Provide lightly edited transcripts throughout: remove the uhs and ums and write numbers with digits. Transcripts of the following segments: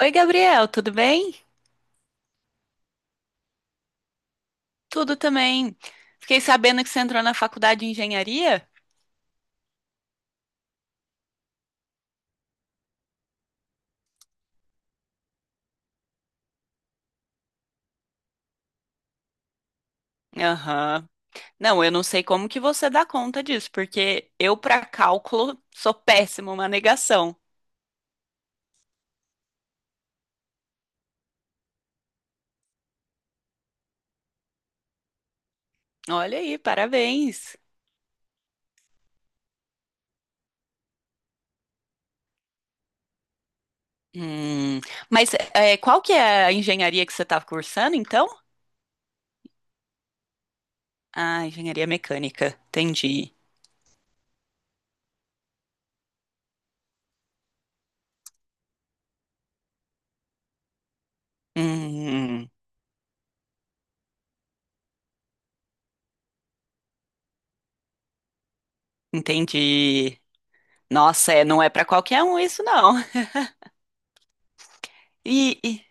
Oi, Gabriel, tudo bem? Tudo também. Fiquei sabendo que você entrou na faculdade de engenharia? Aham. Não, eu não sei como que você dá conta disso, porque eu, para cálculo, sou péssima, uma negação. Olha aí, parabéns. Hum, mas é, qual que é a engenharia que você estava cursando, então? Ah, engenharia mecânica, entendi. Hum, entendi. Nossa, é, não é para qualquer um isso, não. E, e-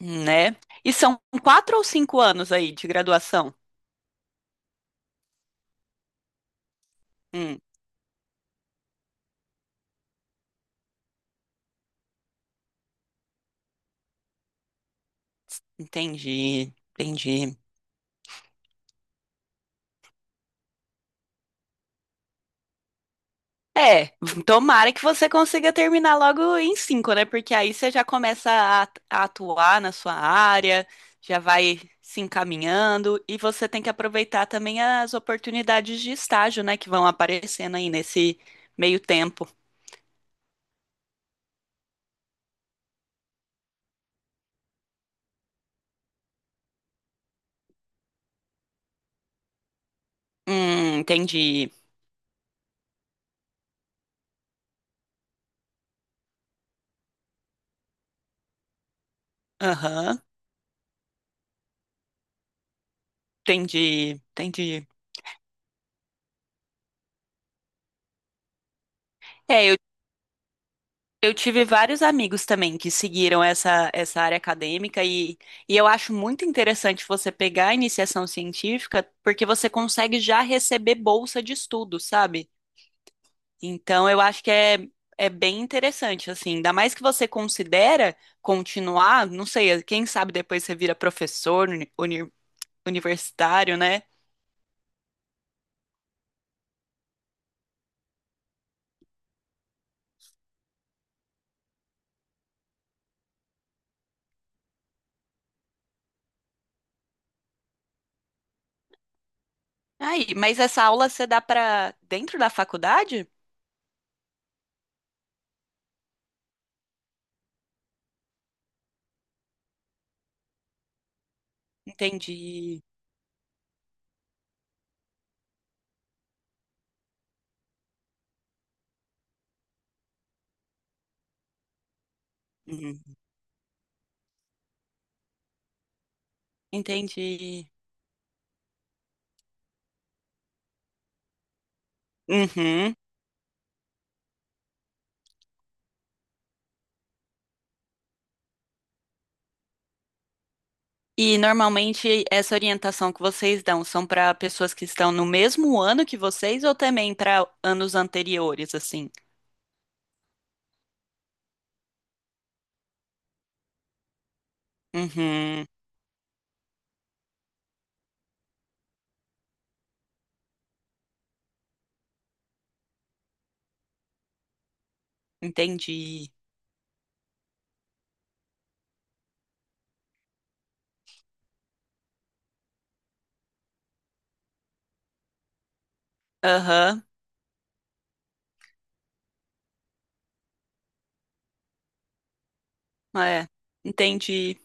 Né? E são 4 ou 5 anos aí de graduação. Hum, entendi, entendi. É, tomara que você consiga terminar logo em cinco, né? Porque aí você já começa a atuar na sua área, já vai se encaminhando e você tem que aproveitar também as oportunidades de estágio, né? Que vão aparecendo aí nesse meio tempo. Entendi. Aham, entendi, entendi. É, eu tive vários amigos também que seguiram essa área acadêmica e eu acho muito interessante você pegar a iniciação científica porque você consegue já receber bolsa de estudo, sabe? Então eu acho que é bem interessante, assim, ainda mais que você considera continuar, não sei, quem sabe depois você vira professor universitário, né? Aí, mas essa aula você dá para dentro da faculdade? Entendi. Uhum. Entendi. Uhum. E normalmente essa orientação que vocês dão são para pessoas que estão no mesmo ano que vocês ou também para anos anteriores, assim? Uhum, entendi. Aham, é, entendi.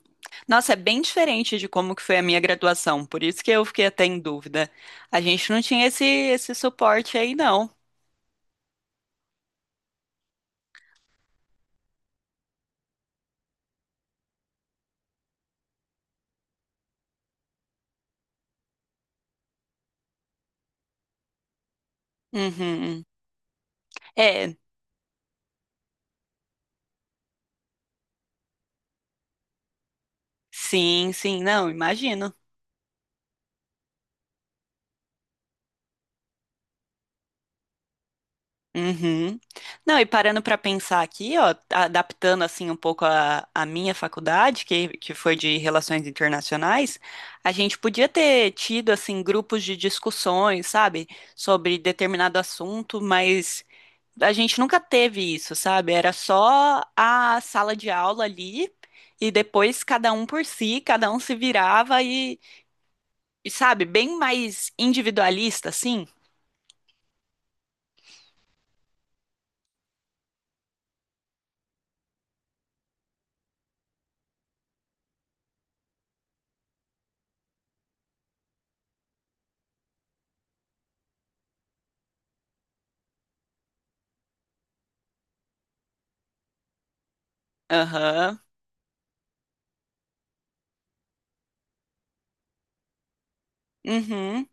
Nossa, é bem diferente de como que foi a minha graduação, por isso que eu fiquei até em dúvida. A gente não tinha esse suporte aí, não. Uhum. É, sim, sim, não, imagino. Uhum. Não, e parando para pensar aqui, ó, adaptando assim um pouco a minha faculdade, que foi de Relações Internacionais, a gente podia ter tido assim grupos de discussões, sabe, sobre determinado assunto, mas a gente nunca teve isso, sabe? Era só a sala de aula ali e depois cada um por si, cada um se virava e sabe, bem mais individualista, assim. Aham. Uhum.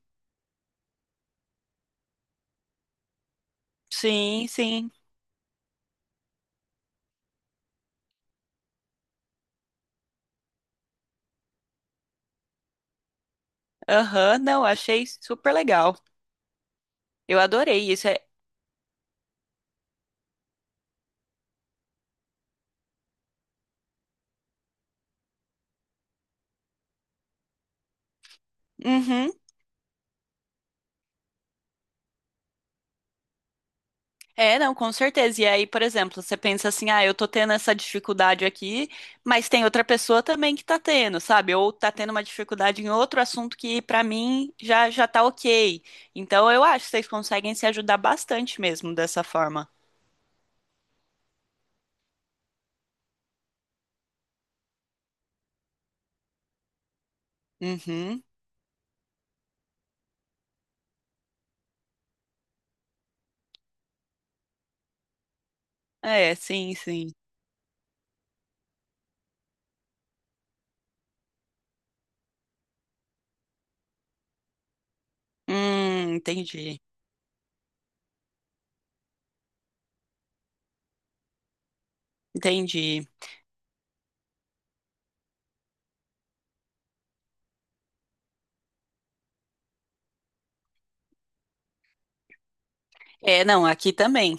Sim, sim. Aham, não, achei super legal. Eu adorei isso. É... Uhum. É, não, com certeza. E aí, por exemplo, você pensa assim, ah, eu tô tendo essa dificuldade aqui, mas tem outra pessoa também que tá tendo, sabe? Ou tá tendo uma dificuldade em outro assunto que pra mim já já tá ok. Então eu acho que vocês conseguem se ajudar bastante mesmo dessa forma. Uhum. É, sim, sim. Entendi. Entendi. É, não, aqui também.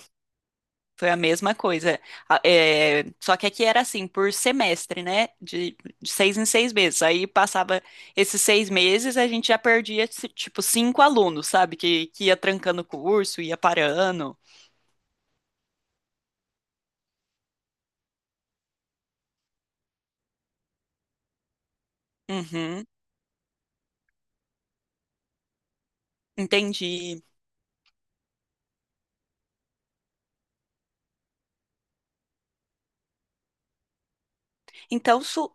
Foi a mesma coisa. É, só que aqui era assim, por semestre, né? De 6 em 6 meses. Aí passava esses 6 meses, a gente já perdia, tipo, cinco alunos, sabe? Que ia trancando o curso, ia parando. Uhum, entendi. Então,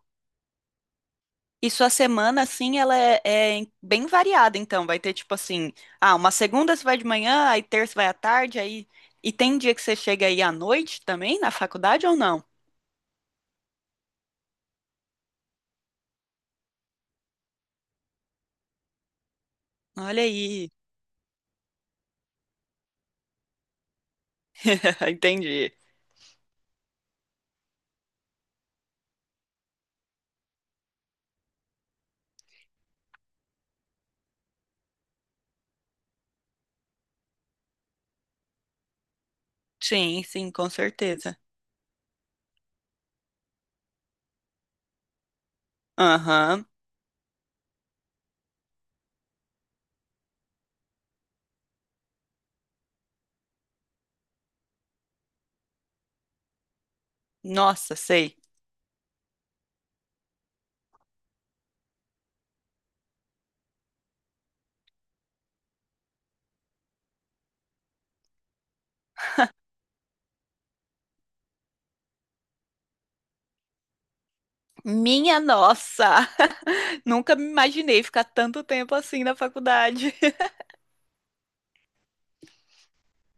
e sua semana, assim, ela é bem variada, então. Vai ter, tipo assim, ah, uma segunda você vai de manhã, aí terça vai à tarde, aí... E tem dia que você chega aí à noite também, na faculdade ou não? Olha aí. Entendi. Sim, sim, com certeza. Aham. Nossa, sei. Minha nossa! Nunca me imaginei ficar tanto tempo assim na faculdade.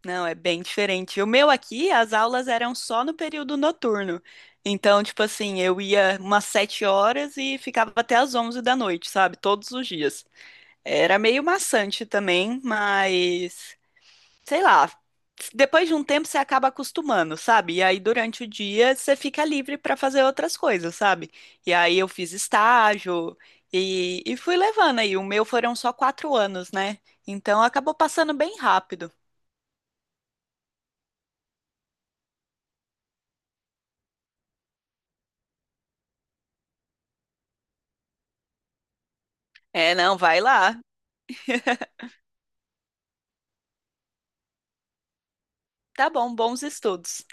Não, é bem diferente. O meu aqui, as aulas eram só no período noturno. Então, tipo assim, eu ia umas 7 horas e ficava até as 11 da noite, sabe? Todos os dias. Era meio maçante também, mas sei lá, depois de um tempo você acaba acostumando, sabe? E aí durante o dia você fica livre para fazer outras coisas, sabe? E aí eu fiz estágio e fui levando aí. O meu foram só 4 anos, né? Então acabou passando bem rápido. É, não, vai lá. Tá bom, bons estudos.